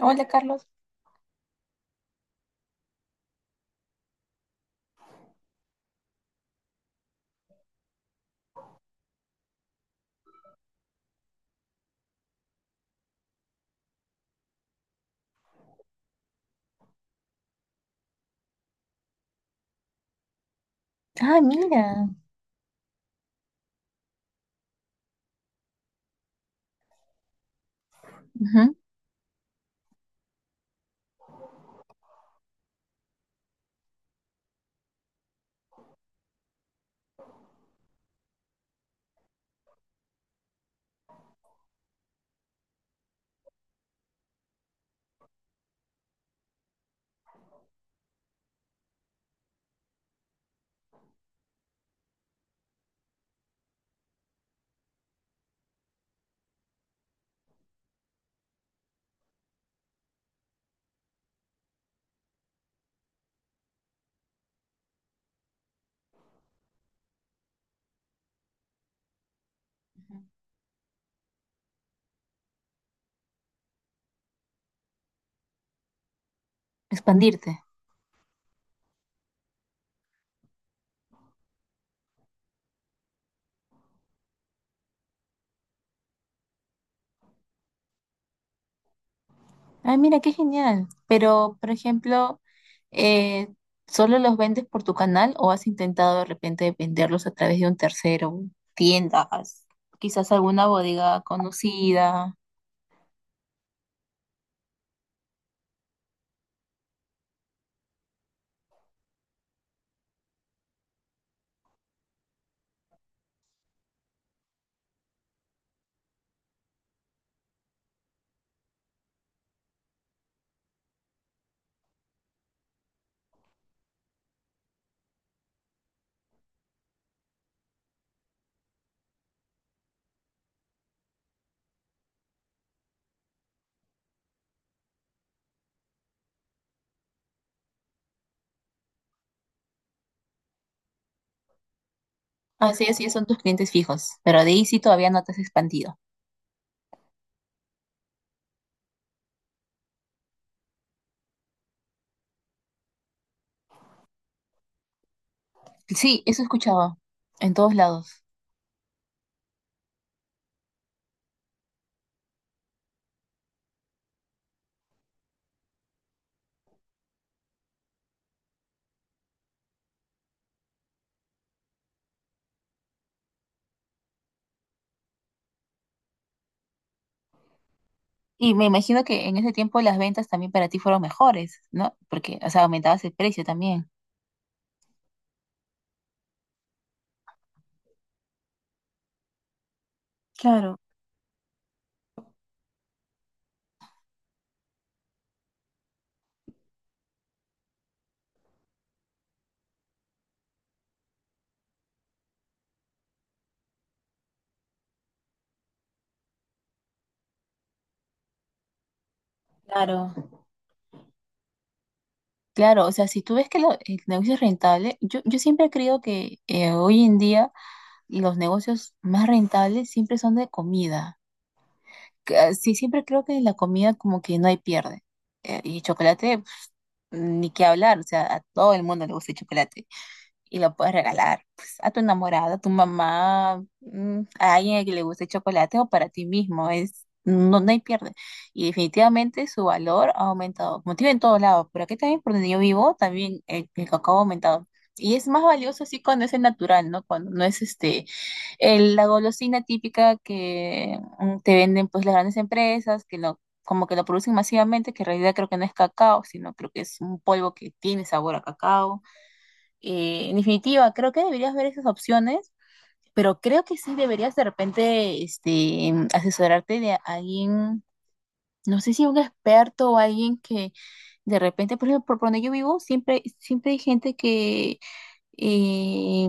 Hola, Carlos. Ah, mira, ujú, Ujú. Expandirte. Ah, mira, qué genial. Pero, por ejemplo, eh, ¿solo los vendes por tu canal o has intentado de repente venderlos a través de un tercero, tiendas, quizás alguna bodega conocida? Ah, sí, así son tus clientes fijos, pero de ahí sí todavía no te has expandido. Sí, eso escuchaba en todos lados. Y me imagino que en ese tiempo las ventas también para ti fueron mejores, ¿no? Porque, o sea, aumentabas el precio también. Claro, claro. Claro, o sea, si tú ves que el negocio es rentable, yo siempre creo que hoy en día los negocios más rentables siempre son de comida. Que, ah, sí, siempre creo que la comida como que no hay pierde. Y chocolate, pf, ni qué hablar, o sea, a todo el mundo le gusta el chocolate y lo puedes regalar pues, a tu enamorada, a tu mamá, a alguien a que le guste el chocolate o para ti mismo. Es, no, no hay pierde. Y definitivamente su valor ha aumentado, como te digo, en todos lados. Pero aquí también, por donde yo vivo, también el cacao ha aumentado. Y es más valioso así cuando es el natural, ¿no? Cuando no es este, la golosina típica que te venden pues las grandes empresas, como que lo producen masivamente, que en realidad creo que no es cacao, sino creo que es un polvo que tiene sabor a cacao. En definitiva, creo que deberías ver esas opciones, pero creo que sí deberías de repente asesorarte de alguien no sé si un experto o alguien que de repente, por ejemplo, por donde yo vivo, siempre, siempre hay gente que eh,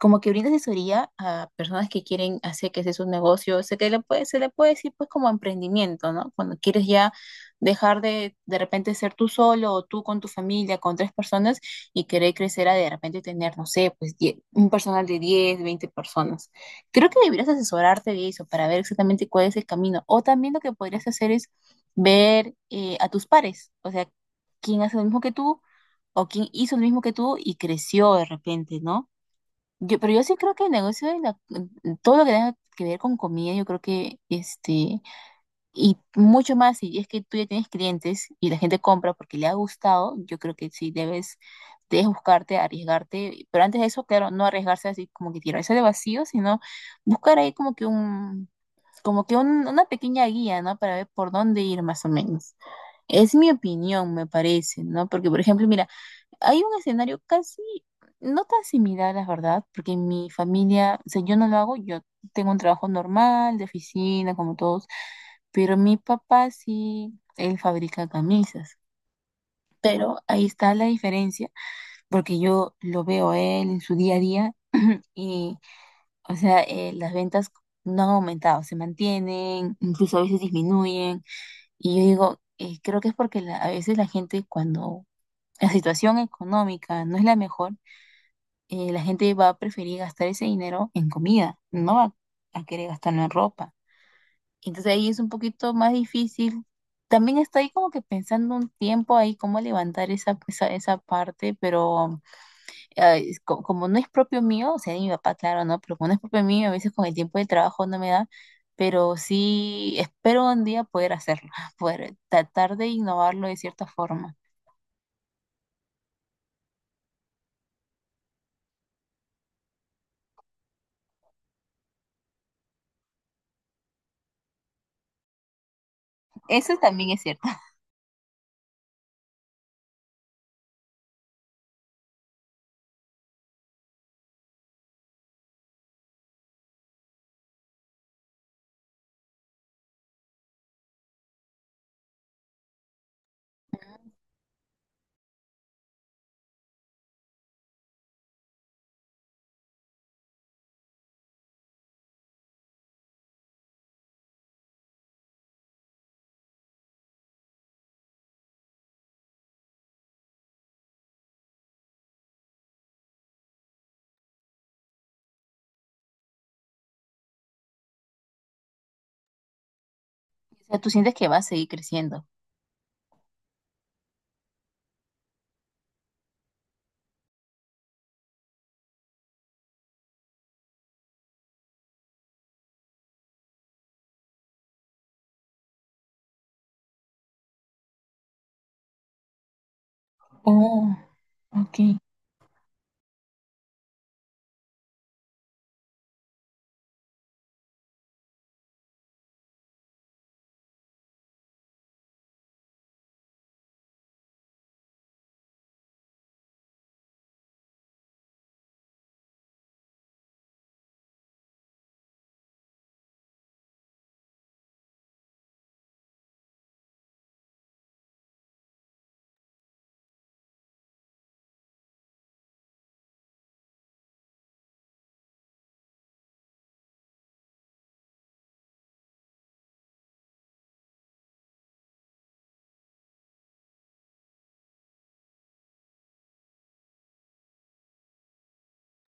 como que brinda asesoría a personas que quieren hacer que sea su negocio. Se le puede decir pues como emprendimiento, ¿no? Cuando quieres ya dejar de repente ser tú solo o tú con tu familia, con tres personas y querer crecer a de repente tener, no sé, pues un personal de 10 20 personas. Creo que deberías asesorarte de eso para ver exactamente cuál es el camino. O también lo que podrías hacer es ver a tus pares, o sea, quién hace lo mismo que tú o quién hizo lo mismo que tú y creció de repente, ¿no? Pero yo sí creo que el negocio todo lo que tenga que ver con comida, yo creo que y mucho más, si es que tú ya tienes clientes y la gente compra porque le ha gustado, yo creo que sí debes buscarte, arriesgarte. Pero antes de eso, claro, no arriesgarse así como que tirarse de vacío, sino buscar ahí como que un, una pequeña guía, ¿no? Para ver por dónde ir más o menos. Es mi opinión, me parece, ¿no? Porque, por ejemplo, mira, hay un escenario casi, no tan similar, la verdad, porque en mi familia, o sea, yo no lo hago, yo tengo un trabajo normal, de oficina, como todos, pero mi papá sí, él fabrica camisas. Pero ahí está la diferencia, porque yo lo veo a él en su día a día y, o sea, las ventas no han aumentado, se mantienen, incluso a veces disminuyen. Y yo digo, creo que es porque a veces la gente cuando la situación económica no es la mejor, la gente va a preferir gastar ese dinero en comida, no va a querer gastarlo en ropa. Entonces ahí es un poquito más difícil. También estoy como que pensando un tiempo ahí cómo levantar esa parte, pero es como no es propio mío, o sea, de mi papá, claro, ¿no? Pero como no es propio mío, a veces con el tiempo de trabajo no me da, pero sí espero un día poder hacerlo, poder tratar de innovarlo de cierta forma. Eso también es cierto. O sea, tú sientes que va a seguir creciendo. Oh, ok.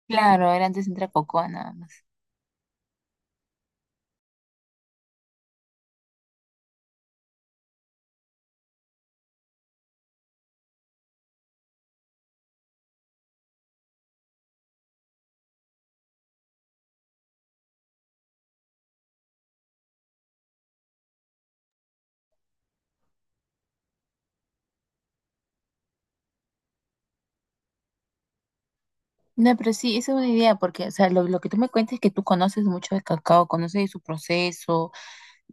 Claro, era antes entra cocoa nada más. No, pero sí, esa es una idea, porque, o sea, lo que tú me cuentas es que tú conoces mucho de cacao, conoces de su proceso,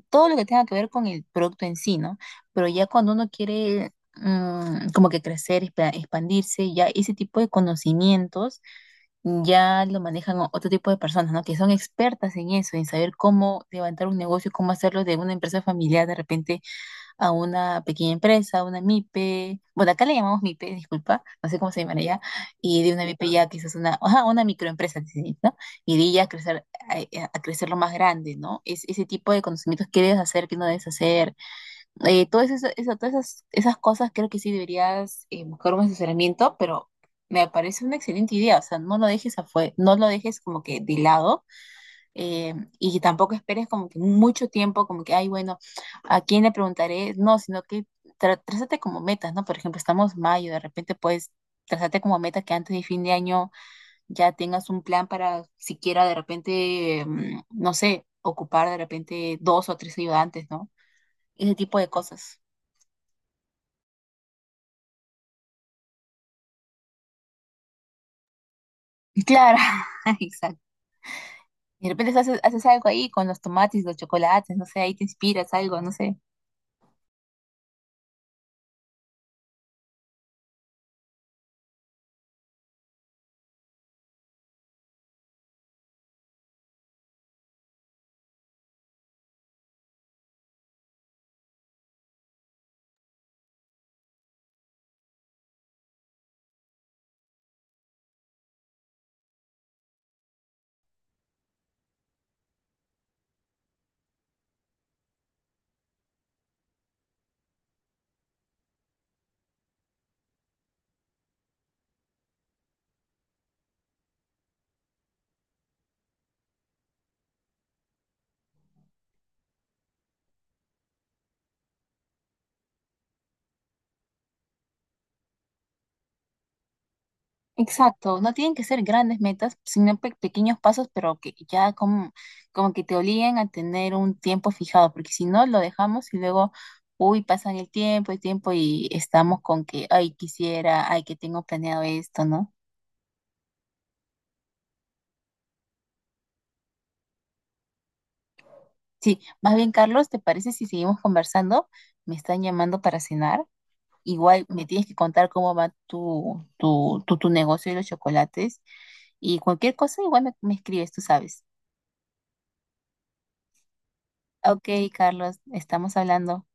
todo lo que tenga que ver con el producto en sí, ¿no? Pero ya cuando uno quiere como que crecer, expandirse, ya ese tipo de conocimientos ya lo manejan otro tipo de personas, ¿no? Que son expertas en eso, en saber cómo levantar un negocio, cómo hacerlo de una empresa familiar de repente a una pequeña empresa, una MIPE, bueno, acá le llamamos MIPE, disculpa, no sé cómo se llaman allá, y de una MIPE ya quizás una, ajá, una microempresa, sí, ¿no? Y de ella crecer, a crecer lo más grande, ¿no? Es, ese tipo de conocimientos, qué debes hacer, qué no debes hacer, todo eso, todas esas cosas creo que sí deberías buscar un asesoramiento, pero me parece una excelente idea, o sea, no lo dejes afuera, no lo dejes como que de lado, y tampoco esperes como que mucho tiempo, como que, ay, bueno, ¿a quién le preguntaré? No, sino que trázate como metas, ¿no? Por ejemplo, estamos mayo, de repente puedes trázate como meta que antes de fin de año ya tengas un plan para siquiera de repente, no sé, ocupar de repente dos o tres ayudantes, ¿no? Ese tipo de cosas. Claro, exacto. De repente haces algo ahí con los tomates, los chocolates, no sé, ahí te inspiras algo, no sé. Exacto, no tienen que ser grandes metas, sino pequeños pasos, pero que ya como que te obliguen a tener un tiempo fijado, porque si no lo dejamos y luego, uy, pasan el tiempo y estamos con que, ay, quisiera, ay, que tengo planeado esto, ¿no? Sí, más bien, Carlos, ¿te parece si seguimos conversando? Me están llamando para cenar. Igual me tienes que contar cómo va tu negocio de los chocolates y cualquier cosa, igual me escribes, tú sabes. Ok, Carlos, estamos hablando.